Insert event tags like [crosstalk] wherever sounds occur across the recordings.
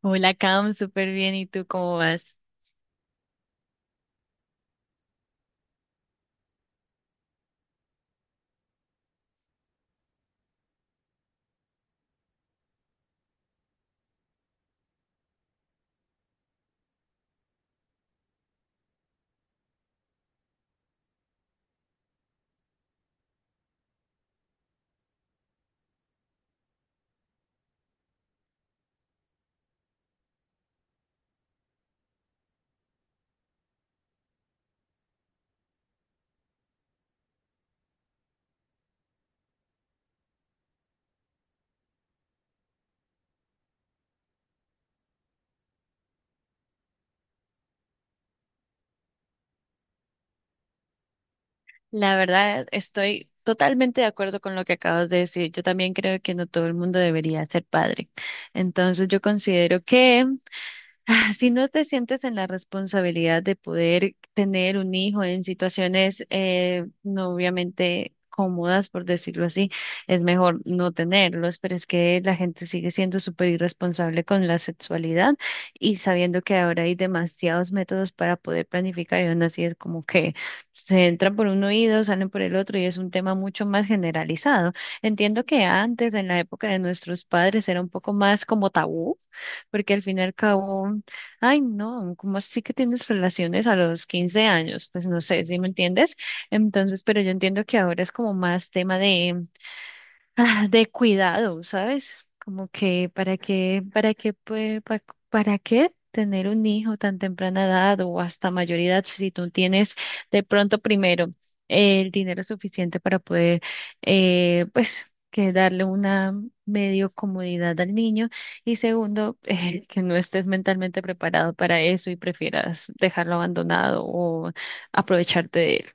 Hola, Cam, súper bien. ¿Y tú cómo vas? La verdad, estoy totalmente de acuerdo con lo que acabas de decir. Yo también creo que no todo el mundo debería ser padre. Entonces, yo considero que ah, si no te sientes en la responsabilidad de poder tener un hijo en situaciones no obviamente cómodas, por decirlo así, es mejor no tenerlos, pero es que la gente sigue siendo súper irresponsable con la sexualidad y sabiendo que ahora hay demasiados métodos para poder planificar y aún así es como que se entran por un oído, salen por el otro y es un tema mucho más generalizado. Entiendo que antes, en la época de nuestros padres, era un poco más como tabú porque al fin y al cabo ay, no, ¿cómo así que tienes relaciones a los 15 años? Pues no sé si me entiendes. Entonces, pero yo entiendo que ahora es como más tema de, [laughs] ah, de cuidado, ¿sabes? Como que para qué, pues, para qué tener un hijo tan temprana edad o hasta mayor edad si tú tienes de pronto primero el dinero suficiente para poder, pues, que darle una medio comodidad al niño y segundo, [laughs] que no estés mentalmente preparado para eso y prefieras dejarlo abandonado o aprovecharte de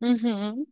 él.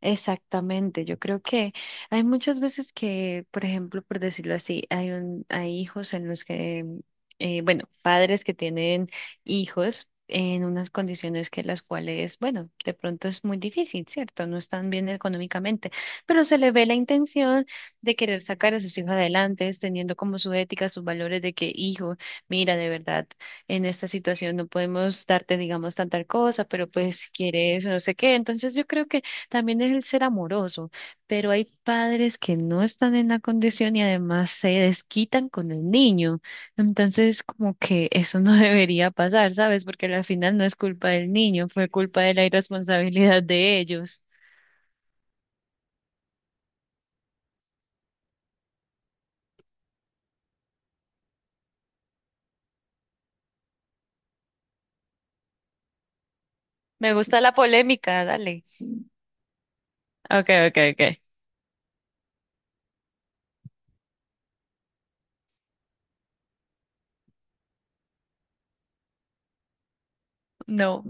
Exactamente, yo creo que hay muchas veces que, por ejemplo, por decirlo así, hay hijos en los que, bueno, padres que tienen hijos en unas condiciones que las cuales, bueno, de pronto es muy difícil, ¿cierto? No están bien económicamente, pero se le ve la intención de querer sacar a sus hijos adelante, teniendo como su ética, sus valores de que, hijo, mira, de verdad, en esta situación no podemos darte, digamos, tanta cosa, pero pues quieres, no sé qué. Entonces yo creo que también es el ser amoroso, pero hay padres que no están en la condición y además se desquitan con el niño. Entonces, como que eso no [laughs] debería pasar, ¿sabes? Porque al final no es culpa del niño, fue culpa de la irresponsabilidad de ellos. Me gusta la polémica, dale. Okay, okay, okay. No,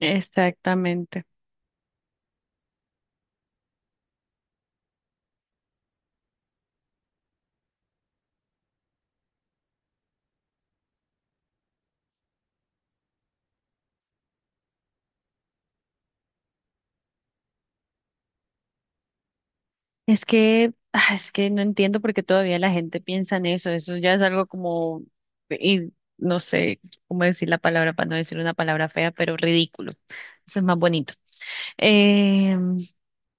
exactamente. Es que, ah, es que no entiendo por qué todavía la gente piensa en eso. Eso ya es algo como, y no sé cómo decir la palabra para no decir una palabra fea, pero ridículo. Eso es más bonito. Eh,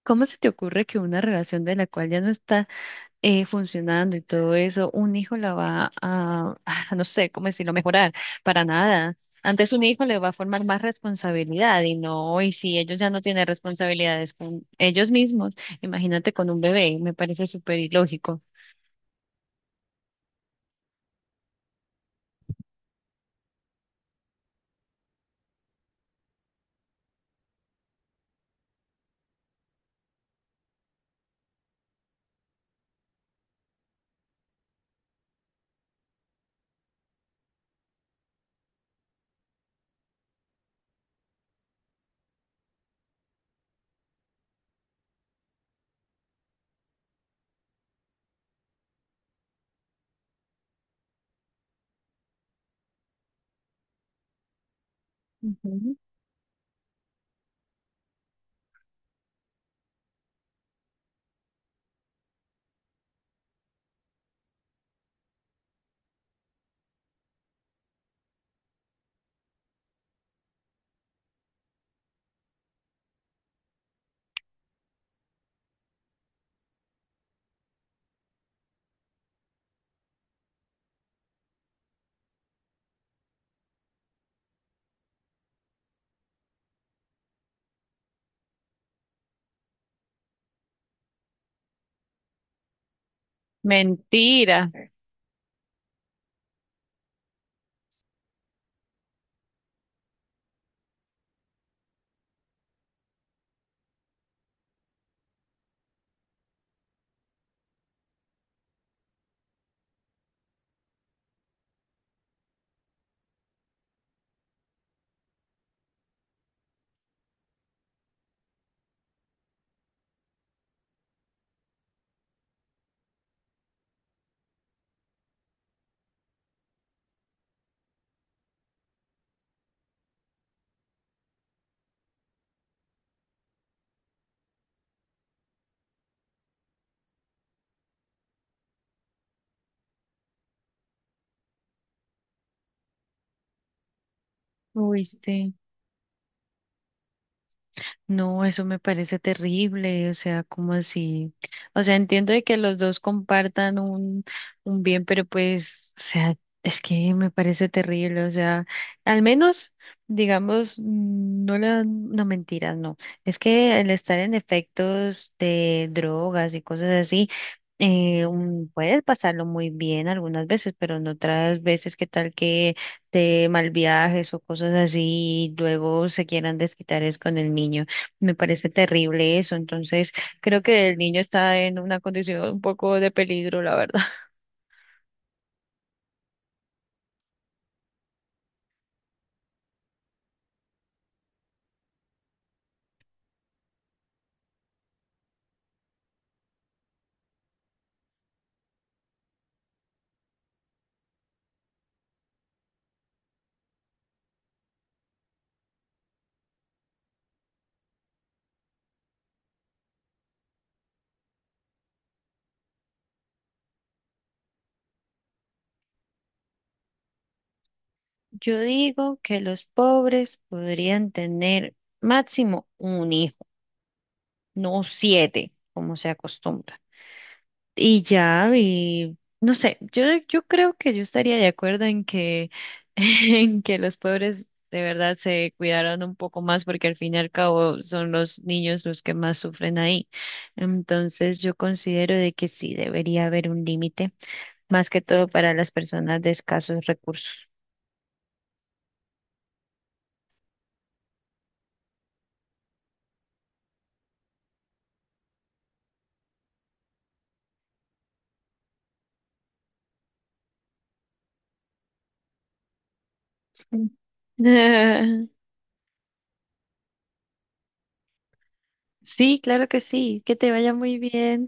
¿Cómo se te ocurre que una relación de la cual ya no está funcionando y todo eso, un hijo la va a, [laughs] no sé cómo decirlo, mejorar, para nada. Antes un hijo le va a formar más responsabilidad y no, y si ellos ya no tienen responsabilidades con ellos mismos, imagínate con un bebé, me parece súper ilógico. Ujú. Mentira. Uy, sí. No, eso me parece terrible, o sea, como así? O sea, entiendo de que los dos compartan un bien, pero pues, o sea, es que me parece terrible, o sea, al menos, digamos, mm, no la, no mentiras, no. Es que el estar en efectos de drogas y cosas así, puedes pasarlo muy bien algunas veces, pero en otras veces, ¿qué tal que te mal viajes o cosas así y luego se quieran desquitar es con el niño? Me parece terrible eso. Entonces, creo que el niño está en una condición un poco de peligro, la verdad. [laughs] Yo digo que los pobres podrían tener máximo un hijo, no 7, como se acostumbra. Y ya, y no sé, yo creo que yo estaría de acuerdo en que, [laughs] en que los pobres de verdad se cuidaron un poco más porque al fin y al cabo son los niños los que más sufren ahí. Entonces yo considero de que sí debería haber un límite, más que todo para las personas de escasos recursos. Mm. [laughs] Sí, claro que sí, que te vaya muy bien.